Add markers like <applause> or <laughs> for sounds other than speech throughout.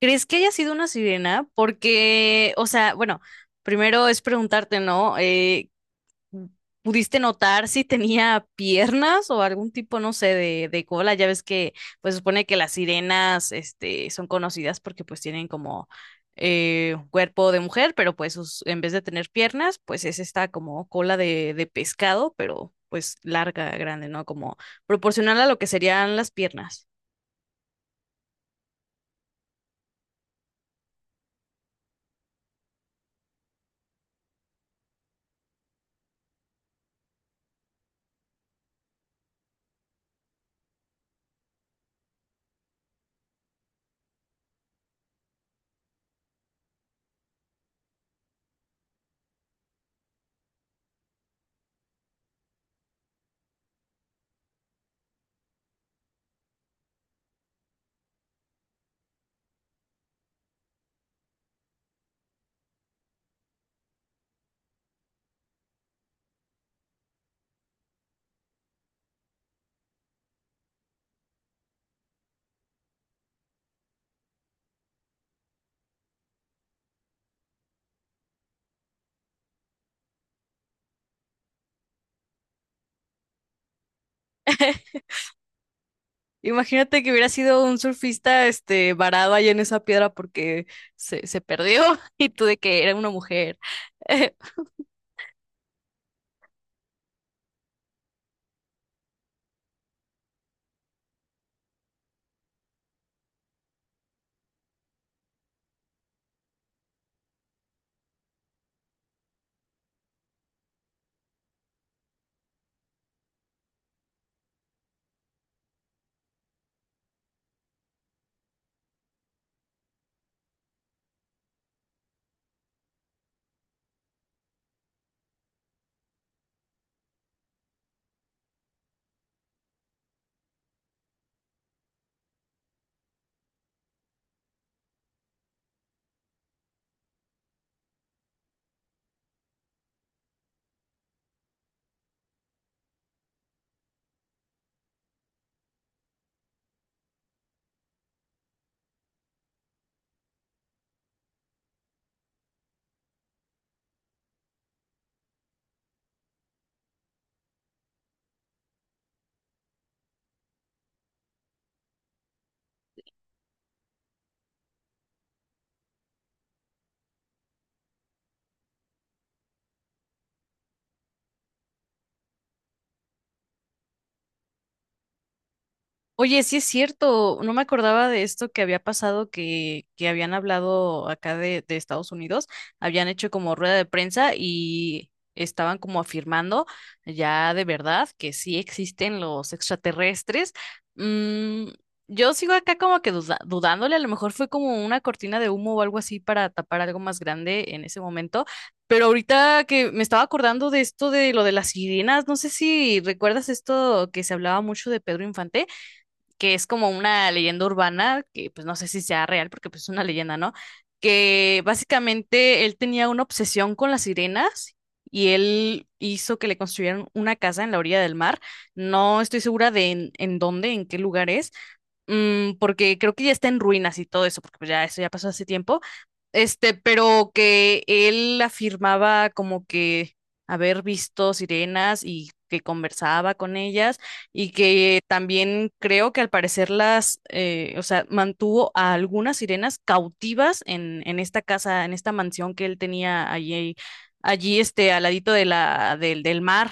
¿Crees que haya sido una sirena? Porque, o sea, bueno, primero es preguntarte, ¿no? ¿Pudiste notar si tenía piernas o algún tipo, no sé, de cola? Ya ves que, pues, supone que las sirenas, este, son conocidas porque, pues, tienen como un cuerpo de mujer, pero, pues, en vez de tener piernas, pues, es esta como cola de pescado, pero, pues, larga, grande, ¿no? Como proporcional a lo que serían las piernas. Imagínate que hubiera sido un surfista, este, varado ahí en esa piedra porque se perdió <laughs> y tú de que era una mujer. <laughs> Oye, sí es cierto, no me acordaba de esto que había pasado, que habían hablado acá de Estados Unidos, habían hecho como rueda de prensa y estaban como afirmando ya de verdad que sí existen los extraterrestres. Mm, yo sigo acá como que dudándole, a lo mejor fue como una cortina de humo o algo así para tapar algo más grande en ese momento, pero ahorita que me estaba acordando de esto de lo de las sirenas, no sé si recuerdas esto que se hablaba mucho de Pedro Infante, que es como una leyenda urbana, que pues no sé si sea real porque pues es una leyenda, ¿no? Que básicamente él tenía una obsesión con las sirenas y él hizo que le construyeran una casa en la orilla del mar. No estoy segura de en dónde, en qué lugar es, porque creo que ya está en ruinas y todo eso, porque pues ya eso ya pasó hace tiempo pero que él afirmaba como que haber visto sirenas y que conversaba con ellas y que también creo que al parecer las, o sea, mantuvo a algunas sirenas cautivas en esta casa, en esta mansión que él tenía allí, allí al ladito de la, del mar.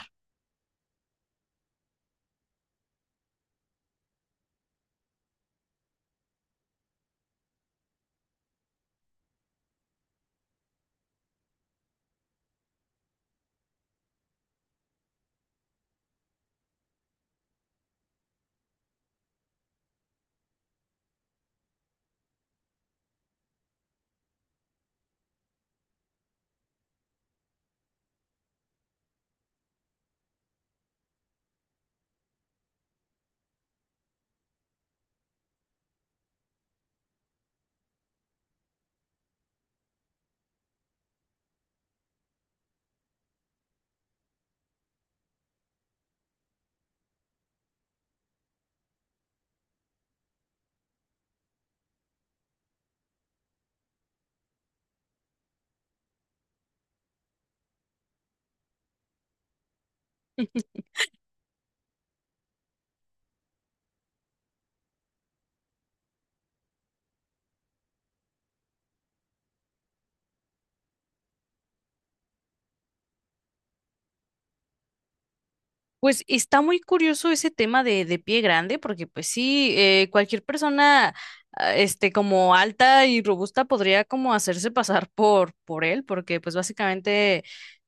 Pues está muy curioso ese tema de pie grande, porque pues sí, cualquier persona, como alta y robusta podría como hacerse pasar por él, porque pues básicamente,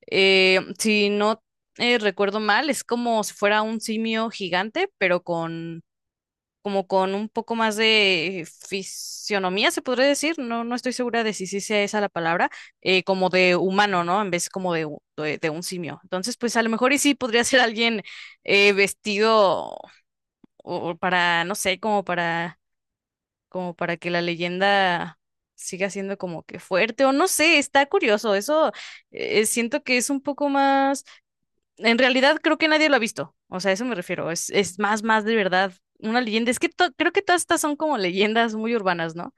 si no recuerdo mal, es como si fuera un simio gigante, pero con como con un poco más de fisionomía, se podría decir, no, no estoy segura de si sí sea esa la palabra, como de humano, ¿no? En vez como de un simio. Entonces, pues a lo mejor y sí podría ser alguien vestido o para, no sé, como para que la leyenda siga siendo como que fuerte, o no sé, está curioso, eso siento que es un poco más en realidad creo que nadie lo ha visto. O sea, a eso me refiero. Es más, de verdad una leyenda. Es que creo que todas estas son como leyendas muy urbanas, ¿no?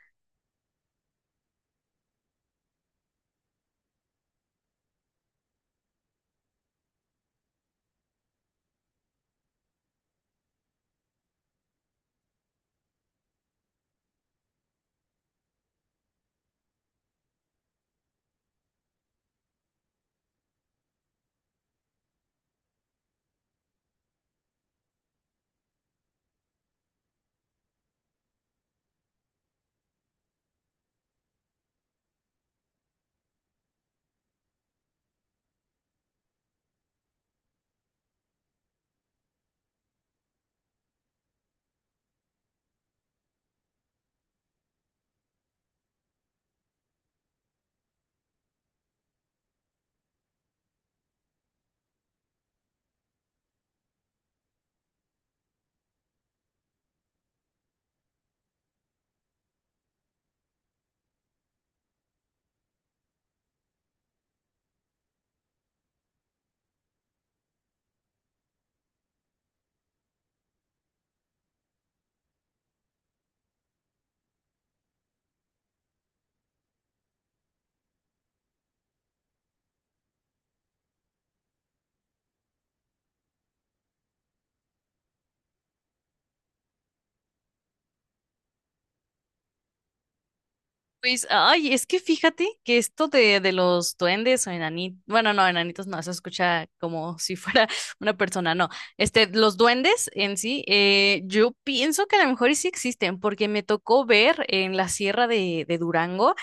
Pues, ay, es que fíjate que esto de los duendes o enanitos, bueno, no, enanitos no, eso escucha como si fuera <laughs> una persona, no. Este, los duendes en sí, yo pienso que a lo mejor y sí existen, porque me tocó ver en la sierra de Durango,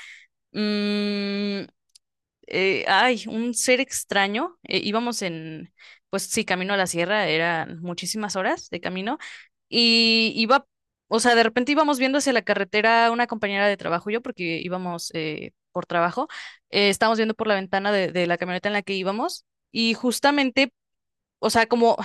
mm, ay, un ser extraño. Íbamos en, pues sí, camino a la sierra, eran muchísimas horas de camino. Y iba, o sea, de repente íbamos viendo hacia la carretera una compañera de trabajo, y yo, porque íbamos por trabajo, estábamos viendo por la ventana de la camioneta en la que íbamos. Y justamente, o sea, como,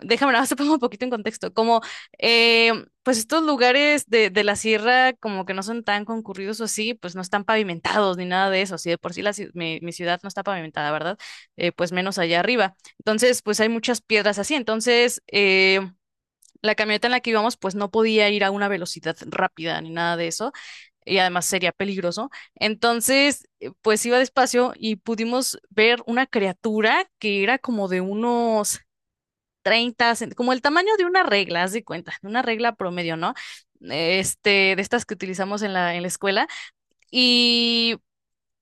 déjame nada más te pongo un poquito en contexto. Como, eh, pues estos lugares de la sierra, como que no son tan concurridos o así, pues no están pavimentados ni nada de eso. Si de por sí mi ciudad no está pavimentada, ¿verdad? Pues menos allá arriba. Entonces, pues hay muchas piedras así. Entonces, la camioneta en la que íbamos, pues no podía ir a una velocidad rápida ni nada de eso. Y además sería peligroso. Entonces, pues iba despacio y pudimos ver una criatura que era como de unos como el tamaño de una regla, haz de cuenta, una regla promedio, ¿no? Este, de estas que utilizamos en la escuela. Y,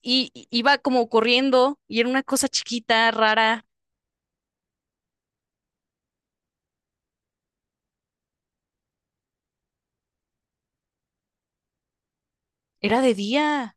y iba como corriendo y era una cosa chiquita, rara. Era de día.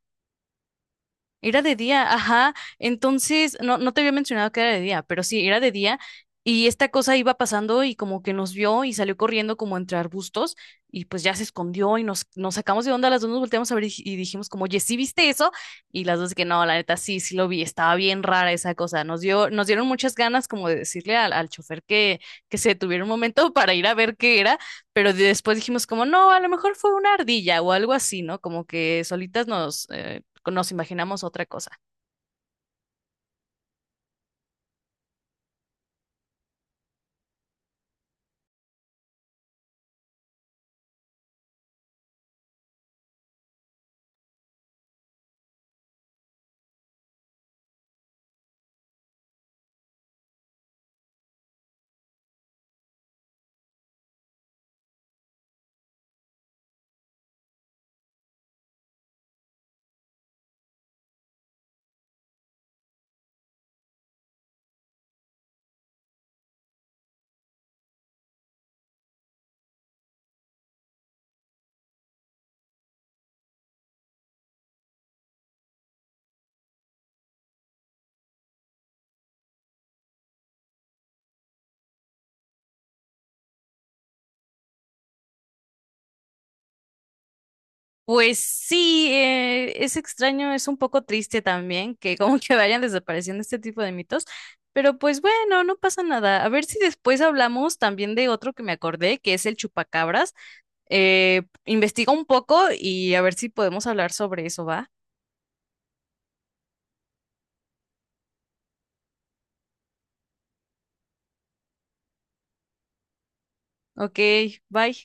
Era de día, ajá. Entonces, no, no te había mencionado que era de día, pero sí, era de día. Y esta cosa iba pasando y como que nos vio y salió corriendo como entre arbustos y pues ya se escondió y nos sacamos de onda, las dos nos volteamos a ver y dijimos como, oye, ¿sí viste eso? Y las dos de que no, la neta sí, sí lo vi, estaba bien rara esa cosa. Nos dieron muchas ganas como de decirle al chofer que se detuviera un momento <laughs> para ir a ver qué era, pero después dijimos como, no, a lo mejor fue una ardilla o algo así, ¿no? Como que solitas nos imaginamos otra cosa. Pues sí, es extraño, es un poco triste también que <laughs> como que vayan desapareciendo este tipo de mitos, pero pues bueno, no pasa nada. A ver si después hablamos también de otro que me acordé, que es el chupacabras. Investiga un poco y a ver si podemos hablar sobre eso, ¿va? Ok, bye.